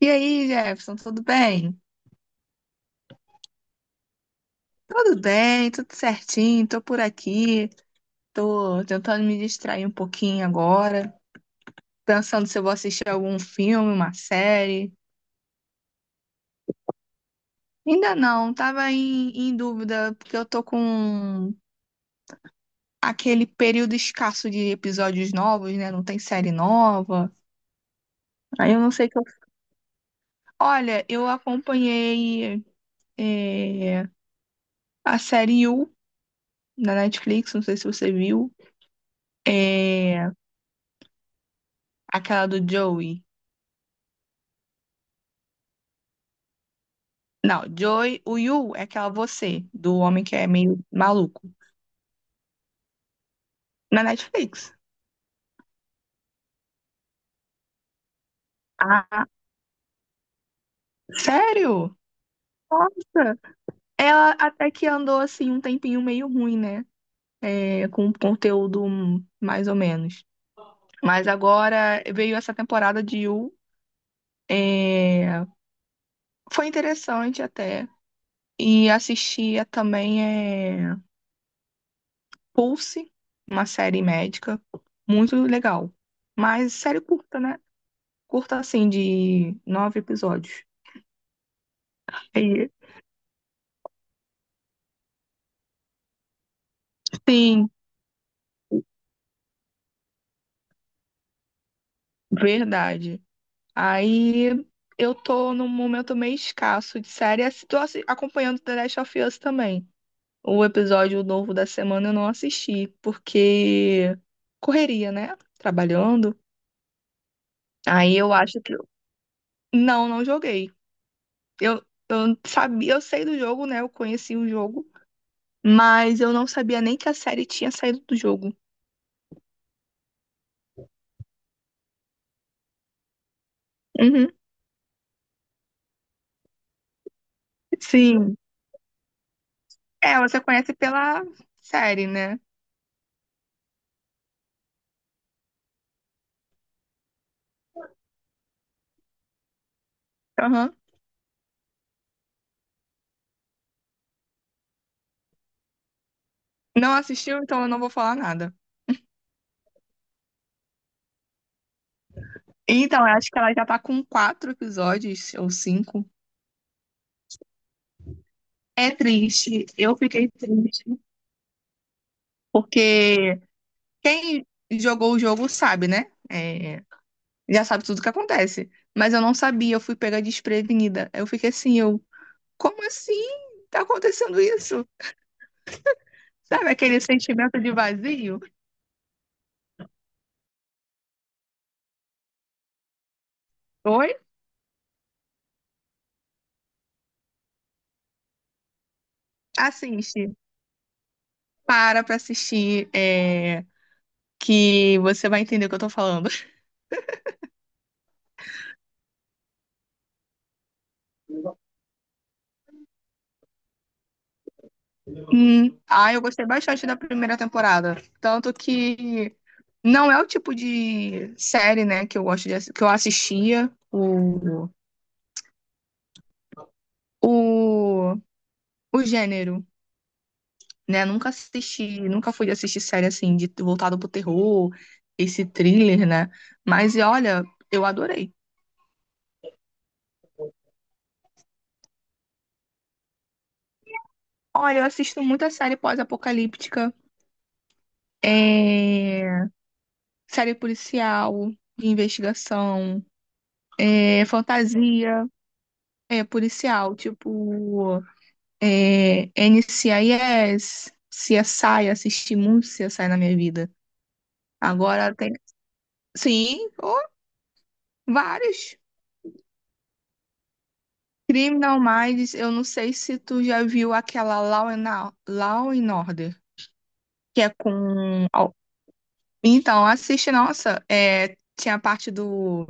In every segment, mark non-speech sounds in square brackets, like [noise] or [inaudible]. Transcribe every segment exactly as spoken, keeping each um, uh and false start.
E aí, Jefferson, tudo bem? Tudo bem, tudo certinho, tô por aqui, tô tentando me distrair um pouquinho agora, pensando se eu vou assistir algum filme, uma série. Ainda não, tava em, em dúvida, porque eu tô com aquele período escasso de episódios novos, né? Não tem série nova. Aí eu não sei o que eu. Olha, eu acompanhei eh, a série You da Netflix, não sei se você viu, é, aquela do Joey. Não, Joy, o Yu é aquela você, do homem que é meio maluco, na Netflix. Ah, sério? Nossa! Ela até que andou assim um tempinho meio ruim, né? É, com um conteúdo hum, mais ou menos. Mas agora veio essa temporada de Yu. é, Foi interessante até. E assistia também é... Pulse, uma série médica. Muito legal. Mas série curta, né? Curta assim, de nove episódios. E- Sim, verdade. Aí eu tô num momento meio escasso de série. assi- Tô assi- acompanhando The Last of Us também. O episódio novo da semana eu não assisti, porque correria, né? Trabalhando. Aí eu acho que. eu- Não, não joguei. Eu, eu sabia, eu sei do jogo, né? Eu conheci o jogo, mas eu não sabia nem que a série tinha saído do jogo. Uhum. Sim. É, você conhece pela série, né? Aham. Não assistiu, então eu não vou falar nada. Então, eu acho que ela já tá com quatro episódios ou cinco. É triste. Eu fiquei triste. Porque quem jogou o jogo sabe, né? É, já sabe tudo o que acontece. Mas eu não sabia, eu fui pegar desprevenida. Eu fiquei assim, eu, como assim? Tá acontecendo isso? Sabe aquele sentimento de vazio? Oi? Assiste. Para, pra assistir, é, que você vai entender o que eu tô falando. Hum, ah, eu gostei bastante da primeira temporada. Tanto que não é o tipo de série, né, que eu gosto de, assi- que eu assistia o, o, o gênero, né? Nunca assisti, nunca fui de assistir série assim, de voltado pro terror, esse thriller, né? Mas e olha, eu adorei. Olha, eu assisto muita série pós-apocalíptica, é, série policial, de investigação, é, fantasia, é policial, tipo É, N C I S, C S I, assisti muito C S I na minha vida. Agora tem. Sim, oh, vários. Criminal Minds, eu não sei se tu já viu aquela Law and, Or- Law and Order, que é com. Al- Então, assiste, nossa, é, tinha a parte do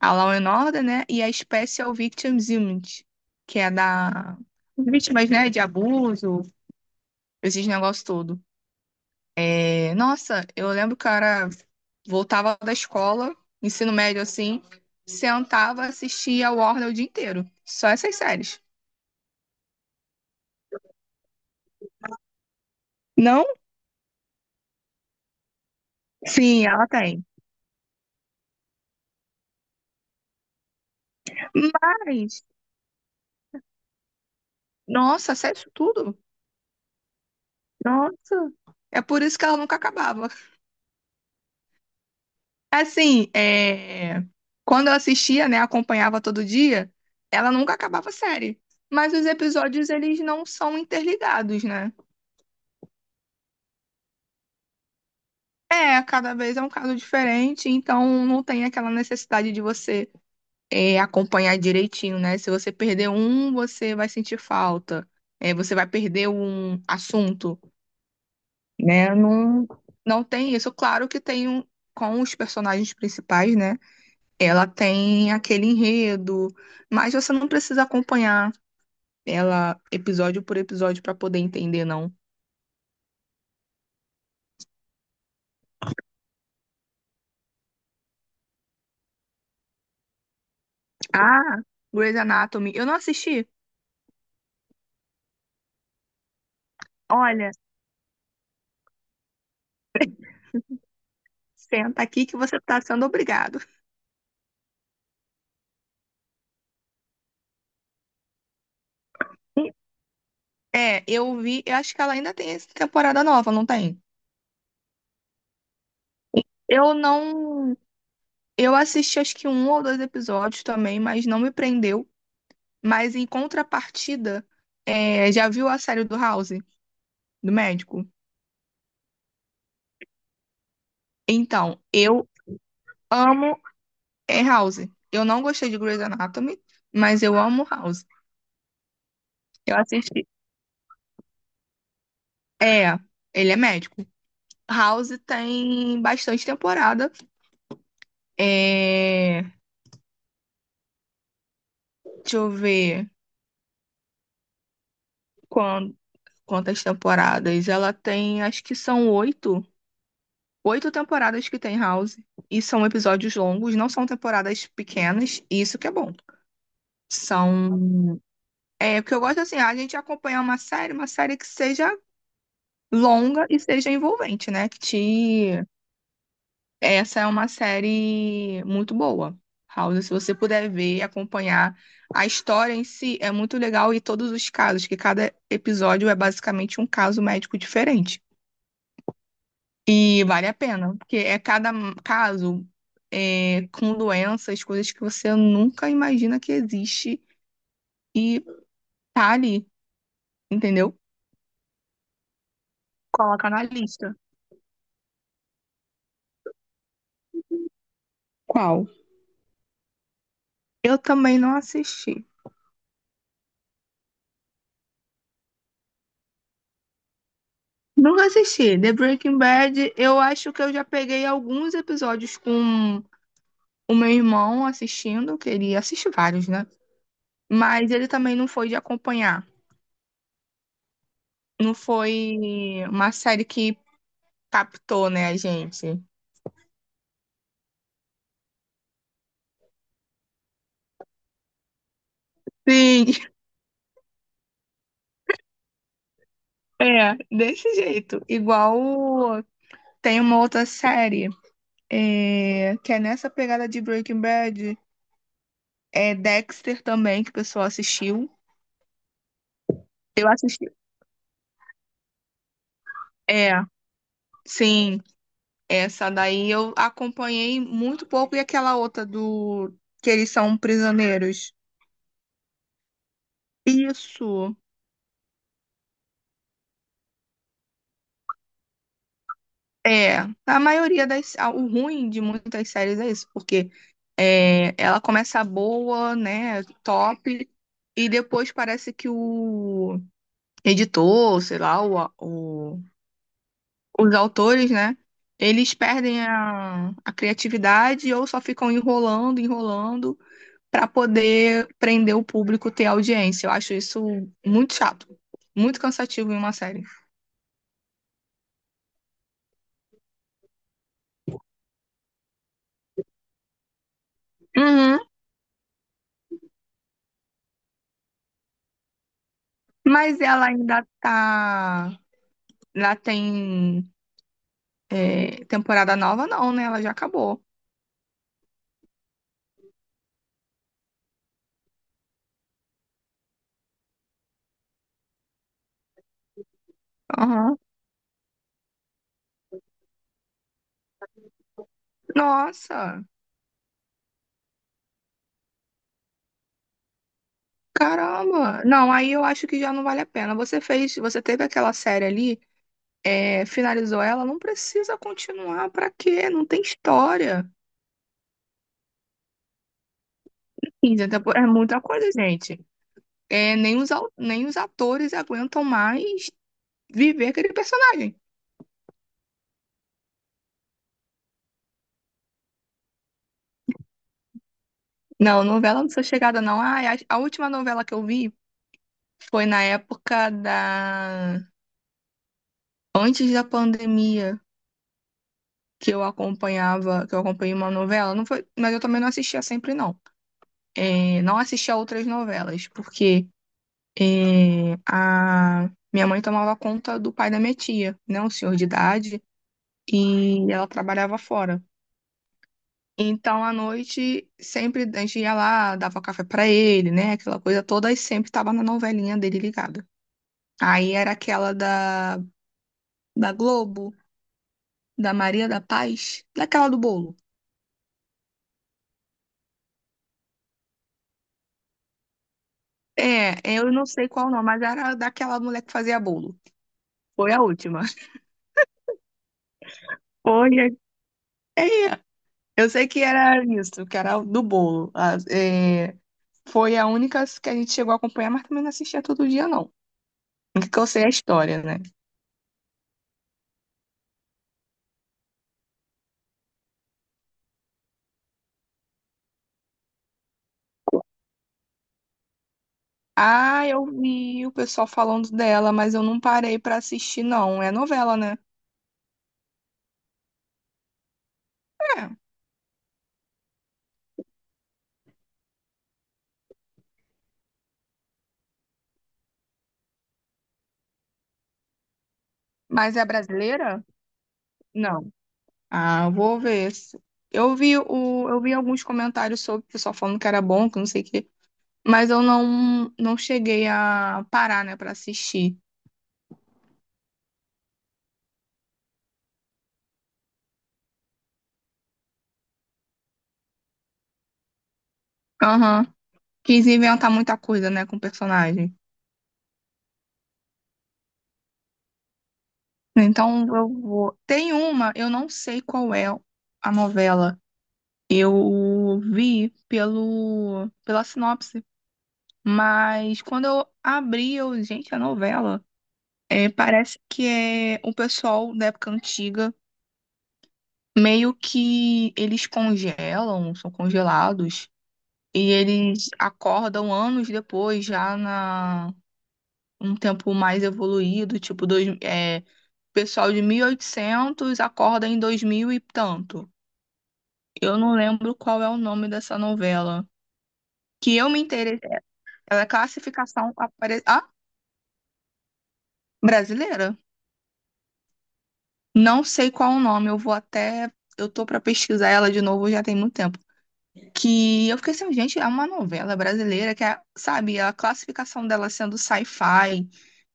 a Law and Order, né? E a Special Victims Unit, que é da vítimas, né, de abuso, esses negócios todo. É, nossa, eu lembro que eu era, voltava da escola, ensino médio assim, sentava, assistia a Warner o dia inteiro. Só essas séries. Não? Sim, ela tem. Mas, nossa, sério isso tudo? Nossa. É por isso que ela nunca acabava. Assim, é, quando eu assistia, né, acompanhava todo dia, ela nunca acabava a série. Mas os episódios, eles não são interligados, né? É, cada vez é um caso diferente, então não tem aquela necessidade de você é, acompanhar direitinho, né? Se você perder um, você vai sentir falta, é, você vai perder um assunto, né? Não, não tem isso. Claro que tem um, com os personagens principais, né? Ela tem aquele enredo, mas você não precisa acompanhar ela episódio por episódio para poder entender, não. Ah, Grey's Anatomy, eu não assisti. Olha. Senta aqui que você tá sendo obrigado. É, eu vi, eu acho que ela ainda tem essa temporada nova, não tem? Eu não. Eu assisti acho que um ou dois episódios também, mas não me prendeu. Mas em contrapartida, é, já viu a série do House, do médico? Então, eu amo é, House. Eu não gostei de Grey's Anatomy, mas eu amo House. Eu assisti. É, ele é médico. House tem bastante temporada. É, deixa eu ver. Quan- Quantas temporadas? Ela tem, acho que são oito. Oito temporadas que tem House. E são episódios longos, não são temporadas pequenas. E isso que é bom. São. É, o que eu gosto assim, a gente acompanhar uma série, uma série que seja longa e seja envolvente, né? Que te... Essa é uma série muito boa. House, se você puder ver, e acompanhar a história em si, é muito legal e todos os casos, que cada episódio é basicamente um caso médico diferente. E vale a pena, porque é cada caso é, com doenças, coisas que você nunca imagina que existe e tá ali, entendeu? Coloca na lista. Qual? Eu também não assisti. Nunca assisti. The Breaking Bad, eu acho que eu já peguei alguns episódios com o meu irmão assistindo, que ele assiste vários, né? Mas ele também não foi de acompanhar. Não foi uma série que captou, né, a gente? Sim. É, desse jeito. Igual tem uma outra série é, que é nessa pegada de Breaking Bad. É Dexter também, que o pessoal assistiu. Eu assisti. É, sim. Essa daí eu acompanhei muito pouco. E aquela outra do que eles são prisioneiros. Isso. É, a maioria das. Ah, o ruim de muitas séries é isso, porque é, ela começa boa, né? Top, e depois parece que o editor, sei lá, o, o- os autores, né? Eles perdem a, a criatividade ou só ficam enrolando, enrolando para poder prender o público, ter audiência. Eu acho isso muito chato, muito cansativo em uma série. Uhum. Mas ela ainda tá. lá tem é, temporada nova, não, né? Ela já acabou. Aham. Nossa, caramba. Não, aí eu acho que já não vale a pena. Você fez, você teve aquela série ali. é, finalizou ela, não precisa continuar, pra quê? Não tem história. quinze temporadas é muita coisa, gente. É, nem os, au- nem os atores aguentam mais viver aquele personagem. Não, novela não sou chegada, não. Ah, a, a última novela que eu vi foi na época da... Antes da pandemia, que eu acompanhava, que eu acompanhei uma novela. Não foi, mas eu também não assistia sempre, não. É, não assistia outras novelas, porque... É, a minha mãe tomava conta do pai da minha tia, né, um senhor de idade, e ela trabalhava fora. Então, à noite, sempre a gente ia lá, dava café pra ele, né, aquela coisa toda, e sempre tava na novelinha dele ligada. Aí era aquela da, da Globo, da Maria da Paz, daquela do bolo. É, eu não sei qual não, mas era daquela mulher que fazia bolo. Foi a última. Foi. a- É, eu sei que era isso, que era do bolo. Ah, é, foi a única que a gente chegou a acompanhar, mas também não assistia todo dia, não. O que que eu sei é a história, né? Ah, eu vi o pessoal falando dela, mas eu não parei pra assistir, não. É novela, né? É. Mas é brasileira? Não. Ah, eu vou ver. Eu vi o, eu vi alguns comentários sobre o pessoal falando que era bom, que não sei o quê, mas eu não, não cheguei a parar, né, pra assistir. Aham. Quis inventar muita coisa, né, com personagens. Então eu vou. Tem uma, eu não sei qual é a novela. Eu vi pelo pela sinopse, mas quando eu abri, eu, gente, a novela, é, parece que é o pessoal da época antiga, meio que eles congelam, são congelados e eles acordam anos depois, já na um tempo mais evoluído, tipo dois, é, pessoal de mil e oitocentos acorda em dois mil e tanto. Eu não lembro qual é o nome dessa novela. Que eu me interessei. Ela é classificação apare... ah, brasileira? Não sei qual o nome, eu vou até. Eu tô pra pesquisar ela de novo, já tem muito tempo. Que eu fiquei assim, gente, é uma novela brasileira que é, sabe, a classificação dela sendo sci-fi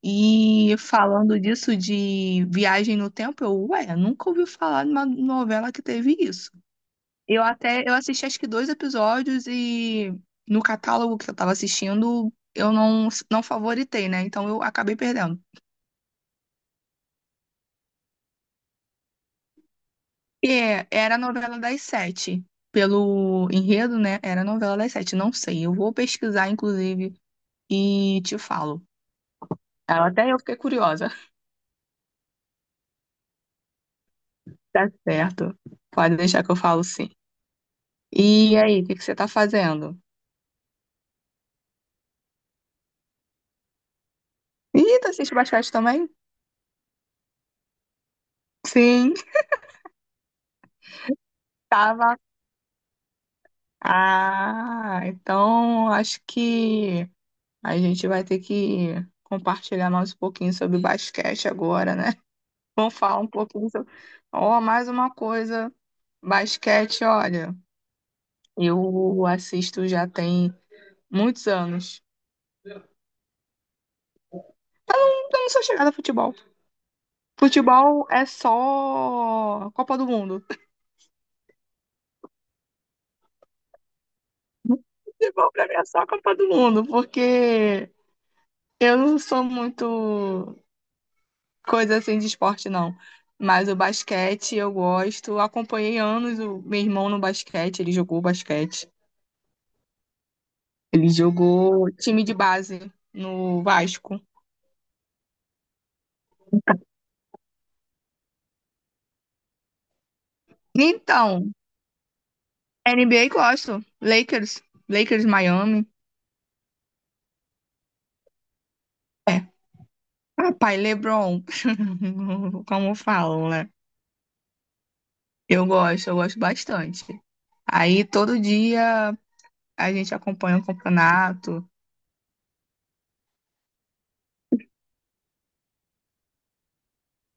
e falando disso de viagem no tempo, eu, ué, nunca ouvi falar de uma novela que teve isso. Eu até eu assisti acho que dois episódios e no catálogo que eu tava assistindo, eu não, não favoritei, né? Então eu acabei perdendo. É, era a novela das sete. Pelo enredo, né? Era a novela das sete. Não sei. Eu vou pesquisar, inclusive, e te falo. Ah, até eu fiquei curiosa. [laughs] Tá certo. Pode deixar que eu falo sim. E aí, o que que você tá fazendo? Ih, tu assiste basquete também? Sim, tava. Ah, então acho que. A gente vai ter que compartilhar mais um pouquinho sobre basquete agora, né? [laughs] Vamos falar um pouquinho sobre. Ó, mais uma coisa, basquete, olha, eu assisto já tem muitos anos. Eu não, eu não sou chegada a futebol. Futebol é só Copa do Mundo. [laughs] Futebol pra mim é só Copa do Mundo, porque eu não sou muito coisa assim de esporte, não. Mas o basquete eu gosto. Acompanhei anos o meu irmão no basquete, ele jogou basquete. Ele jogou time de base no Vasco. Então, N B A gosto. Lakers, Lakers Miami. É. Papai LeBron, [laughs] como falam, né? Eu gosto, eu gosto bastante. Aí todo dia a gente acompanha o campeonato.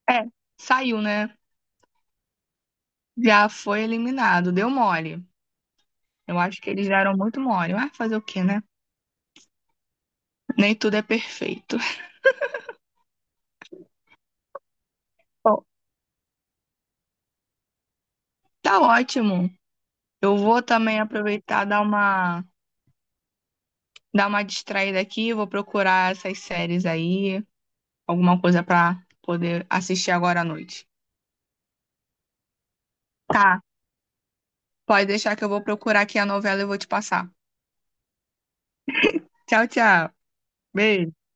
É, saiu, né? Já foi eliminado, deu mole. Eu acho que eles deram muito mole. Vai fazer o quê, né? Nem tudo é perfeito. Bom, tá ótimo. Eu vou também aproveitar dar uma dar uma distraída aqui, vou procurar essas séries aí, alguma coisa pra poder assistir agora à noite. Tá, pode deixar que eu vou procurar aqui a novela e vou te passar. Tchau, tchau. Beijo.